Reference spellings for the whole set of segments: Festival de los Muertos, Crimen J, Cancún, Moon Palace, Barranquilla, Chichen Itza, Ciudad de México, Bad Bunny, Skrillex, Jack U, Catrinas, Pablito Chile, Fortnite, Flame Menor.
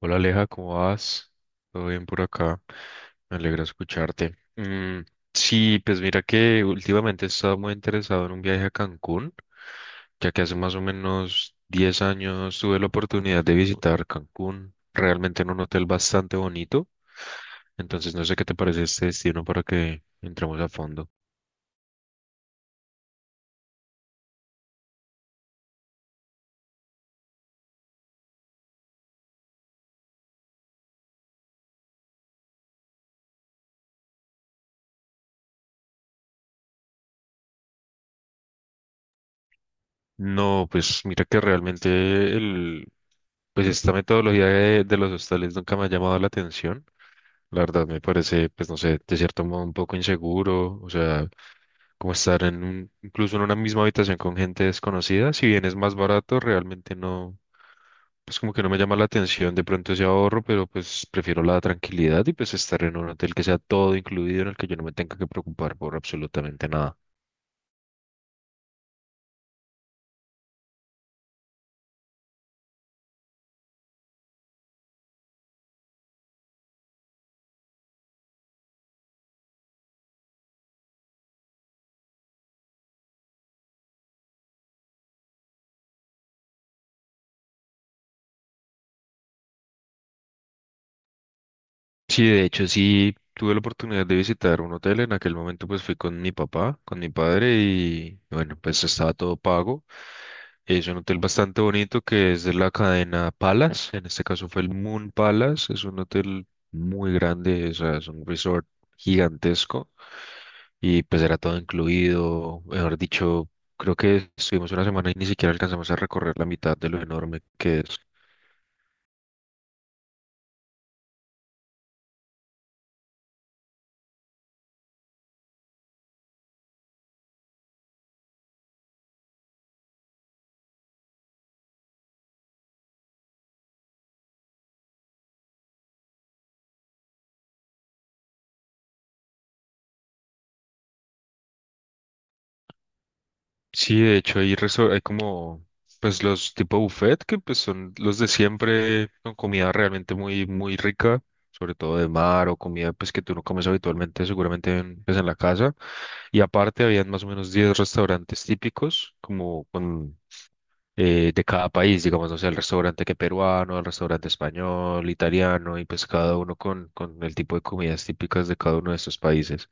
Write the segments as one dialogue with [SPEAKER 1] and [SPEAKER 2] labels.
[SPEAKER 1] Hola Aleja, ¿cómo vas? ¿Todo bien por acá? Me alegra escucharte. Sí, pues mira que últimamente he estado muy interesado en un viaje a Cancún, ya que hace más o menos 10 años tuve la oportunidad de visitar Cancún, realmente en un hotel bastante bonito. Entonces no sé qué te parece este destino para que entremos a fondo. No, pues mira que realmente el, pues esta metodología de los hostales nunca me ha llamado la atención. La verdad me parece, pues no sé, de cierto modo un poco inseguro, o sea, como estar en un, incluso en una misma habitación con gente desconocida, si bien es más barato, realmente no, pues como que no me llama la atención de pronto ese ahorro, pero pues prefiero la tranquilidad y pues estar en un hotel que sea todo incluido, en el que yo no me tenga que preocupar por absolutamente nada. Sí, de hecho, sí tuve la oportunidad de visitar un hotel. En aquel momento, pues fui con mi papá, con mi padre, y bueno, pues estaba todo pago. Es un hotel bastante bonito que es de la cadena Palace. En este caso fue el Moon Palace. Es un hotel muy grande, o sea, es un resort gigantesco. Y pues era todo incluido. Mejor dicho, creo que estuvimos una semana y ni siquiera alcanzamos a recorrer la mitad de lo enorme que es. Sí, de hecho hay como pues los tipo buffet que pues son los de siempre con comida realmente muy muy rica, sobre todo de mar o comida pues que tú no comes habitualmente seguramente en, pues en la casa. Y aparte habían más o menos 10 restaurantes típicos como con de cada país, digamos, no sé, el restaurante que peruano, el restaurante español, italiano y pues cada uno con el tipo de comidas típicas de cada uno de estos países.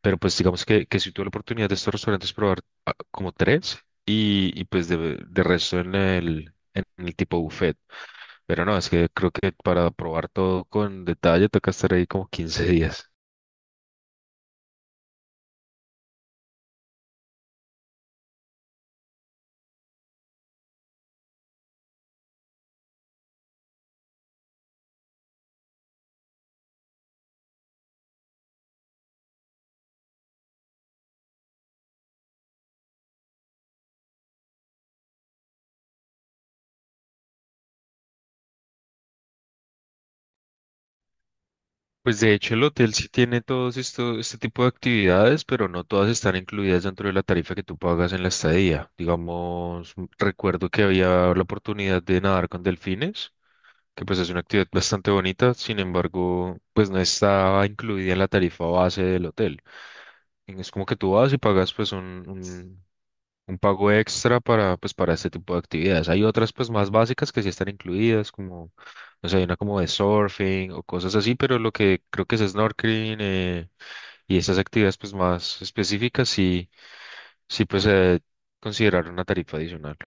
[SPEAKER 1] Pero pues digamos que sí tuve la oportunidad de estos restaurantes probar como tres y pues de resto en el tipo buffet. Pero no, es que creo que para probar todo con detalle toca estar ahí como 15 días. Pues de hecho el hotel sí tiene todos esto, este tipo de actividades, pero no todas están incluidas dentro de la tarifa que tú pagas en la estadía. Digamos, recuerdo que había la oportunidad de nadar con delfines, que pues es una actividad bastante bonita, sin embargo, pues no estaba incluida en la tarifa base del hotel. Es como que tú vas y pagas pues un pago extra para, pues, para este tipo de actividades. Hay otras pues más básicas que sí están incluidas, como o sea, hay una como de surfing o cosas así, pero lo que creo que es snorkeling y esas actividades pues más específicas sí, sí pues considerar una tarifa adicional.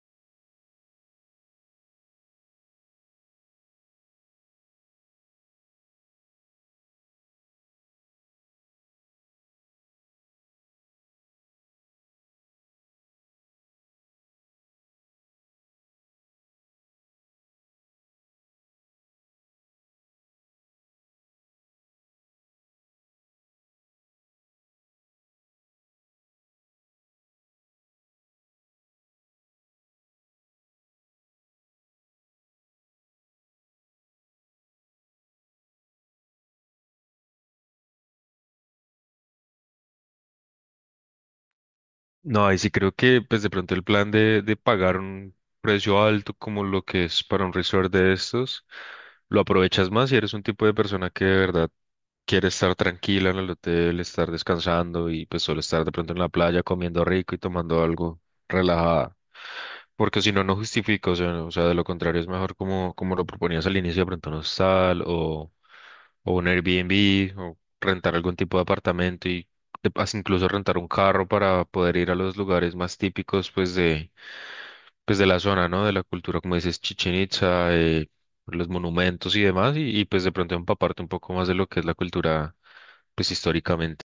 [SPEAKER 1] No, ahí sí creo que pues de pronto el plan de pagar un precio alto como lo que es para un resort de estos, lo aprovechas más si eres un tipo de persona que de verdad quiere estar tranquila en el hotel, estar descansando y pues solo estar de pronto en la playa comiendo rico y tomando algo relajada. Porque si no, no justifica, o sea, o sea, de lo contrario es mejor como, como lo proponías al inicio, de pronto un hostal o un Airbnb o rentar algún tipo de apartamento y hasta incluso rentar un carro para poder ir a los lugares más típicos, pues de la zona, ¿no? De la cultura, como dices, Chichen Itza, los monumentos y demás, y, pues de pronto empaparte un poco más de lo que es la cultura, pues históricamente.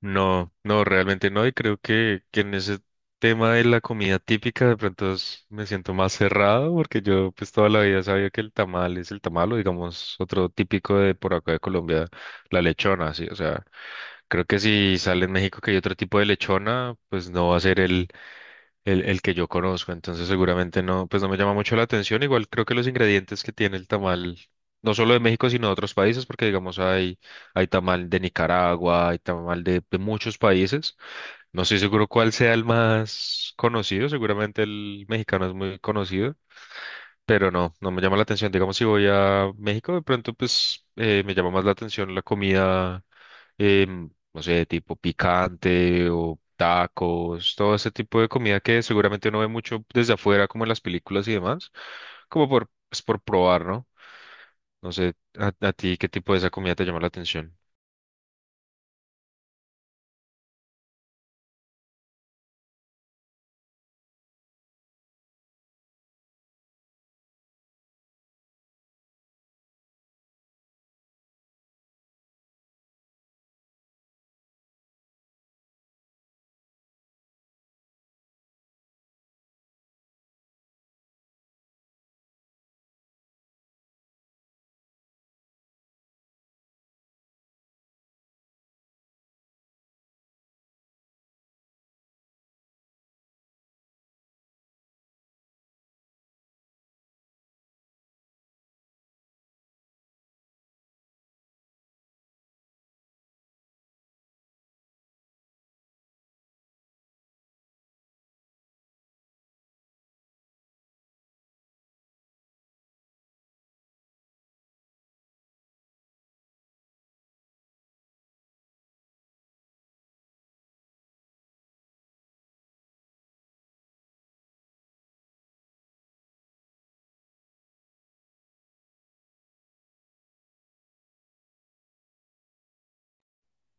[SPEAKER 1] No, no, realmente no. Y creo que en ese tema de la comida típica de pronto me siento más cerrado porque yo pues toda la vida sabía que el tamal es el tamal o digamos otro típico de por acá de Colombia, la lechona, sí. O sea, creo que si sale en México que hay otro tipo de lechona, pues no va a ser el que yo conozco, entonces seguramente no, pues no me llama mucho la atención. Igual creo que los ingredientes que tiene el tamal, no solo de México, sino de otros países, porque digamos hay, hay tamal de Nicaragua, hay tamal de muchos países. No estoy seguro cuál sea el más conocido, seguramente el mexicano es muy conocido pero no, no me llama la atención. Digamos, si voy a México, de pronto, pues me llama más la atención la comida, no sé, tipo picante o tacos, todo ese tipo de comida que seguramente uno ve mucho desde afuera, como en las películas y demás, como por, pues, por probar, ¿no? No sé, a ti qué tipo de esa comida te llama la atención.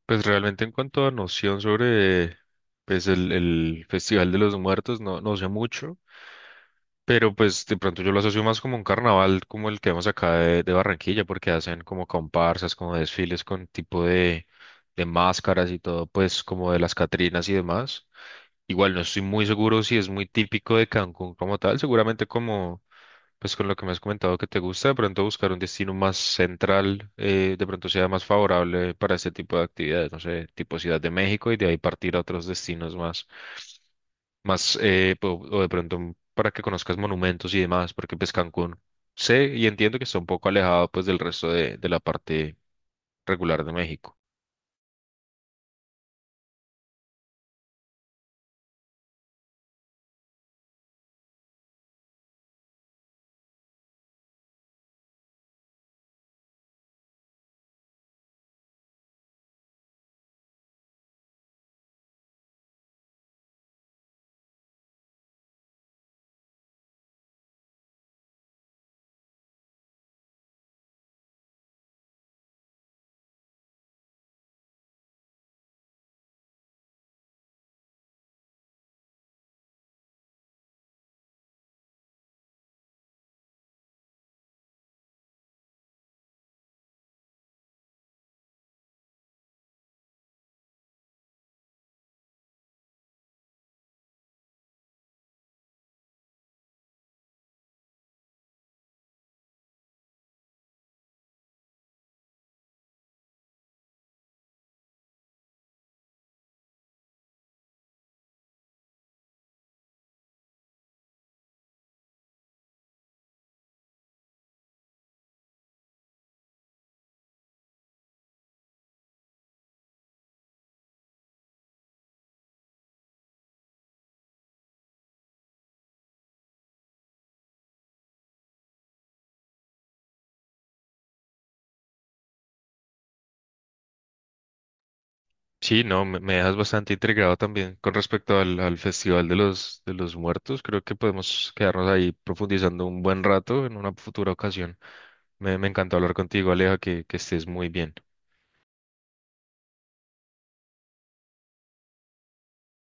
[SPEAKER 1] Pues realmente en cuanto a noción sobre pues el Festival de los Muertos, no, no sé mucho, pero pues de pronto yo lo asocio más como un carnaval como el que vemos acá de Barranquilla, porque hacen como comparsas, como desfiles con tipo de máscaras y todo, pues como de las Catrinas y demás. Igual no estoy muy seguro si es muy típico de Cancún como tal, seguramente como pues con lo que me has comentado que te gusta, de pronto buscar un destino más central, de pronto sea más favorable para este tipo de actividades, no sé, tipo Ciudad de México y de ahí partir a otros destinos más, más o de pronto para que conozcas monumentos y demás, porque pues Cancún sé y entiendo que está un poco alejado pues del resto de la parte regular de México. Sí, no, me dejas bastante intrigado también con respecto al, al Festival de los Muertos. Creo que podemos quedarnos ahí profundizando un buen rato en una futura ocasión. Me encantó hablar contigo, Aleja, que estés muy bien.